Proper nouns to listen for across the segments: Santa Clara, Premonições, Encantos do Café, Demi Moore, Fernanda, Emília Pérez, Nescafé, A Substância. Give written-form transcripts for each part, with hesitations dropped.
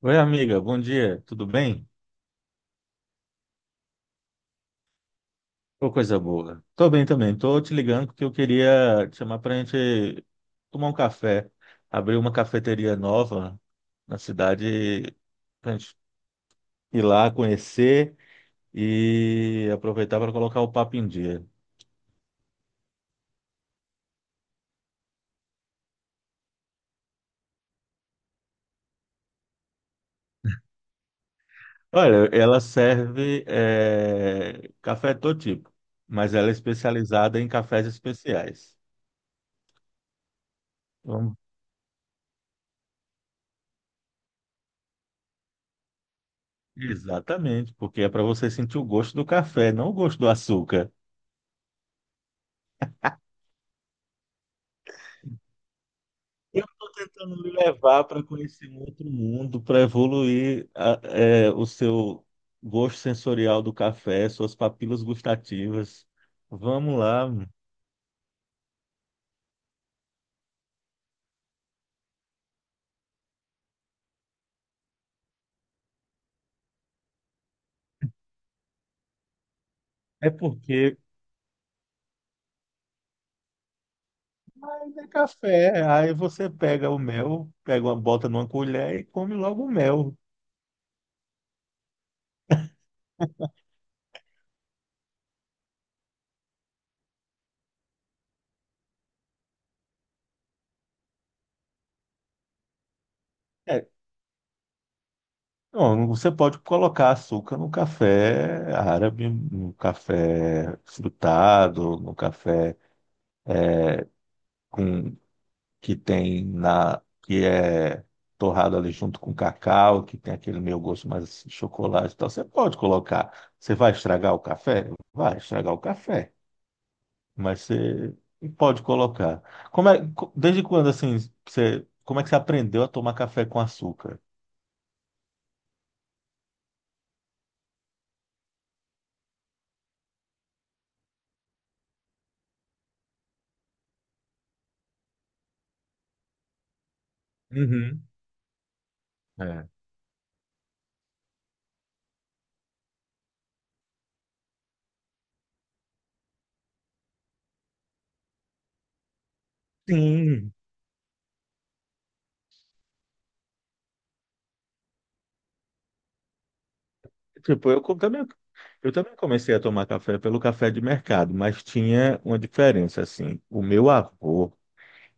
Oi, amiga, bom dia, tudo bem? Ô, coisa boa. Tô bem também, tô te ligando porque eu queria te chamar pra gente tomar um café. Abrir uma cafeteria nova na cidade pra gente ir lá conhecer e aproveitar para colocar o papo em dia. Olha, ela serve café de todo tipo, mas ela é especializada em cafés especiais. Vamos- Exatamente, porque é para você sentir o gosto do café, não o gosto do açúcar. Eu estou tentando me levar para conhecer um outro mundo, para evoluir o seu gosto sensorial do café, suas papilas gustativas. Vamos lá. É porque ainda é café, aí você pega o mel, pega uma, bota numa colher e come logo o mel. É, não, você pode colocar açúcar no café árabe, no café frutado, no café com que tem na que é torrado ali junto com cacau, que tem aquele meio gosto mais assim, de chocolate e tal. Você pode colocar. Você vai estragar o café? Vai estragar o café, mas você pode colocar. Desde quando assim, você, como é que você aprendeu a tomar café com açúcar? Uhum. É. Sim, tipo, eu também comecei a tomar café pelo café de mercado, mas tinha uma diferença assim. O meu avô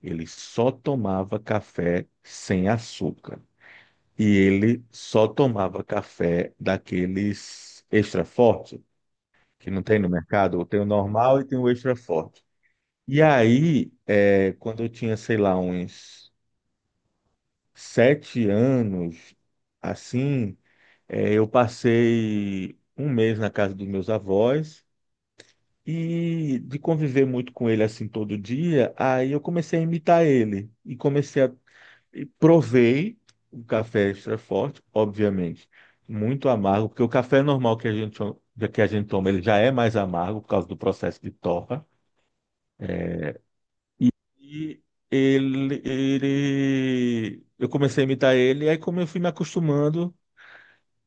ele só tomava café sem açúcar. E ele só tomava café daqueles extra forte, que não tem no mercado. Tem o normal e tem o extra forte. E aí, é, quando eu tinha, sei lá, uns sete anos, assim, é, eu passei um mês na casa dos meus avós e de conviver muito com ele assim todo dia, aí eu comecei a imitar ele e comecei a, e provei um café extra forte, obviamente, muito amargo, porque o café normal que que a gente toma, ele já é mais amargo por causa do processo de torra. E ele, eu comecei a imitar ele, e aí como eu fui me acostumando,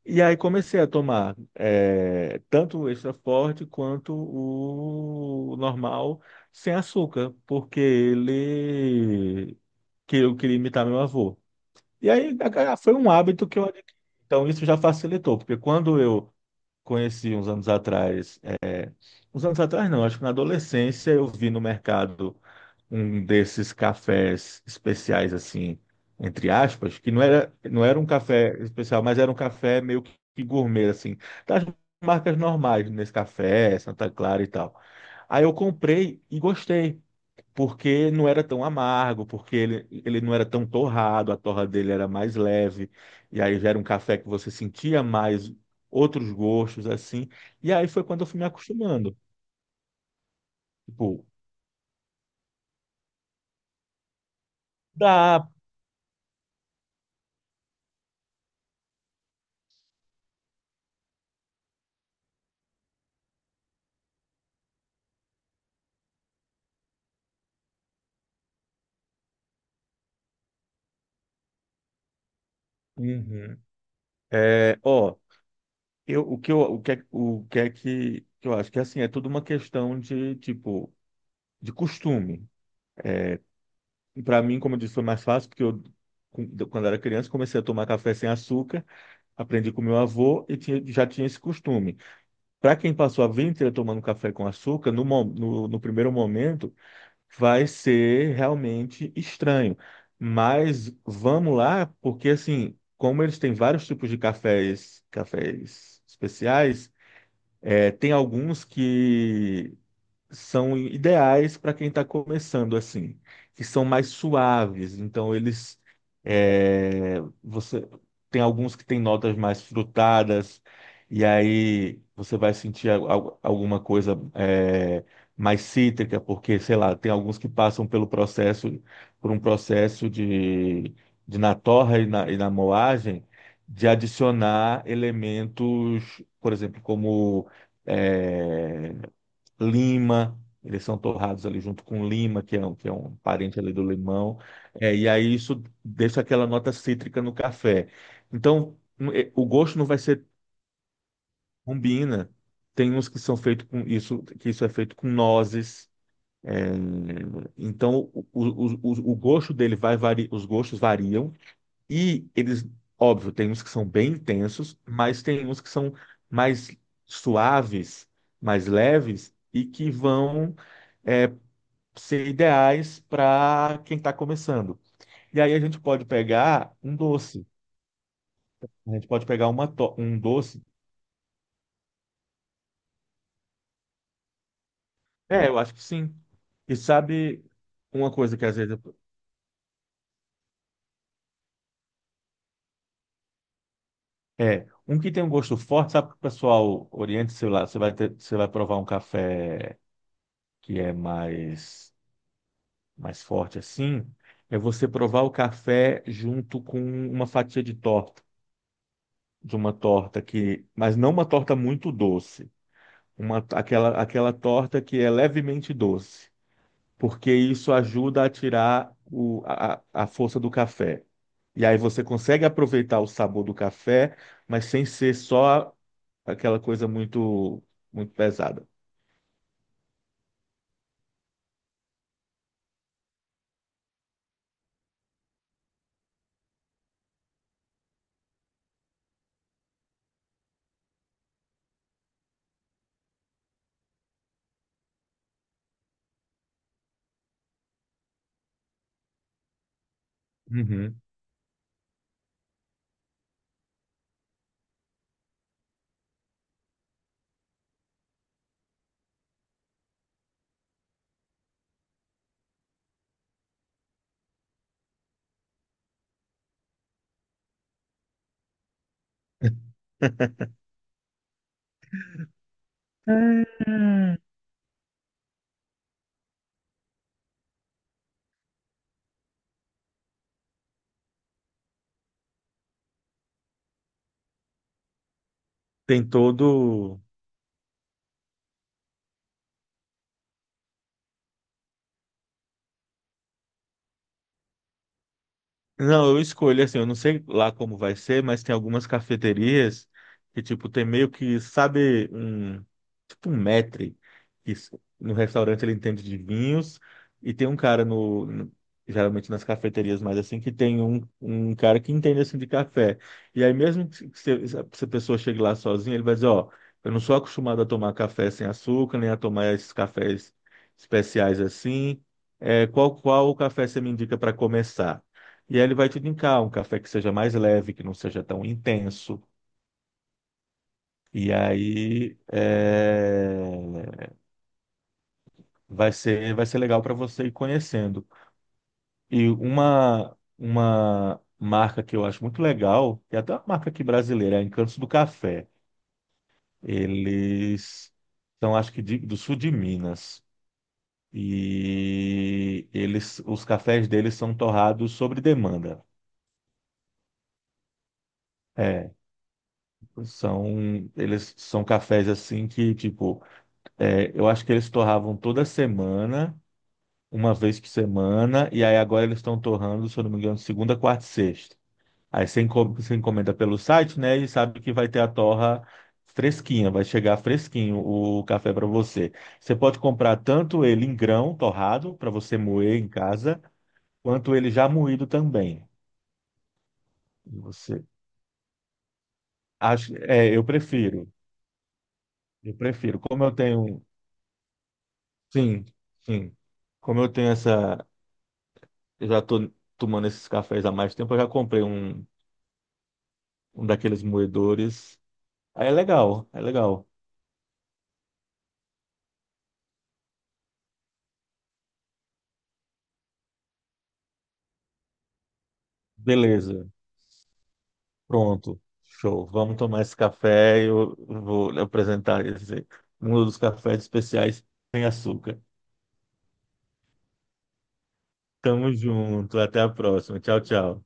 e aí comecei a tomar tanto o extra forte quanto o normal sem açúcar, porque ele, que eu queria imitar meu avô. E aí foi um hábito que eu adquiri. Então isso já facilitou, porque quando eu conheci uns anos atrás, é, uns anos atrás não, acho que na adolescência eu vi no mercado um desses cafés especiais assim, entre aspas, que não era um café especial, mas era um café meio que gourmet assim, das marcas normais, Nescafé, Santa Clara e tal. Aí eu comprei e gostei porque não era tão amargo, porque ele não era tão torrado, a torra dele era mais leve, e aí já era um café que você sentia mais outros gostos, assim, e aí foi quando eu fui me acostumando. Tipo, dá. Uhum. É, ó, eu, o que é que eu acho que, assim, é tudo uma questão de, tipo, de costume. Para mim, como eu disse, foi mais fácil, porque eu, quando era criança, comecei a tomar café sem açúcar, aprendi com meu avô e já tinha esse costume. Para quem passou a vida inteira tomando café com açúcar, no primeiro momento vai ser realmente estranho. Mas vamos lá, porque assim, como eles têm vários tipos de cafés, cafés especiais, é, tem alguns que são ideais para quem está começando assim, que são mais suaves. Então eles, você tem alguns que têm notas mais frutadas e aí você vai sentir alguma coisa mais cítrica, porque sei lá, tem alguns que passam pelo processo por um processo de na torra e e na moagem de adicionar elementos, por exemplo, como é, lima. Eles são torrados ali junto com lima, que é um parente ali do limão, é, e aí isso deixa aquela nota cítrica no café. Então, eh, o gosto não vai ser, combina. Tem uns que são feitos com isso, que isso é feito com nozes. É, então, o gosto dele vai variar, os gostos variam, e eles, óbvio, tem uns que são bem intensos, mas tem uns que são mais suaves, mais leves, e que vão eh, ser ideais para quem está começando. E aí a gente pode pegar um doce, A gente pode pegar um doce. É, eu acho que sim. E sabe uma coisa que às vezes é um que tem um gosto forte, sabe que o pessoal oriente, sei lá, você vai ter, você vai provar um café que é mais forte assim, é você provar o café junto com uma fatia de torta, de uma torta que, mas não uma torta muito doce. Uma, aquela torta que é levemente doce, porque isso ajuda a tirar a força do café. E aí você consegue aproveitar o sabor do café, mas sem ser só aquela coisa muito, muito pesada. Uhum. Tem todo Não, eu escolho assim, eu não sei lá como vai ser, mas tem algumas cafeterias que, tipo, tem meio que, sabe, um, tipo um maître, que s- no restaurante ele entende de vinhos, e tem um cara geralmente nas cafeterias mais assim, que tem um cara que entende assim de café. E aí mesmo que se, se a pessoa chegue lá sozinha, ele vai dizer, ó, eu não sou acostumado a tomar café sem açúcar, nem a tomar esses cafés especiais assim. É, qual café você me indica para começar? E aí ele vai te indicar um café que seja mais leve, que não seja tão intenso. E aí é, vai ser legal para você ir conhecendo. E uma marca que eu acho muito legal, que é até uma marca aqui brasileira, é Encantos do Café. Eles são, acho que, do sul de Minas. E eles, os cafés deles são torrados sobre demanda. É, são, eles são cafés assim que, tipo, é, eu acho que eles torravam toda semana, uma vez por semana, e aí agora eles estão torrando, se eu não me engano, segunda, quarta e sexta. Aí você você encomenda pelo site, né, e sabe que vai ter a torra fresquinha, vai chegar fresquinho o café para você. Você pode comprar tanto ele em grão, torrado, para você moer em casa, quanto ele já moído também. E Você eu prefiro, eu prefiro. Como eu tenho, sim, sim. Como eu tenho essa Eu já tô tomando esses cafés há mais tempo. Eu já comprei um daqueles moedores. Aí é legal, é legal. Beleza, pronto. Show. Vamos tomar esse café. Eu vou lhe apresentar esse, um dos cafés especiais sem açúcar. Tamo junto. Até a próxima. Tchau, tchau.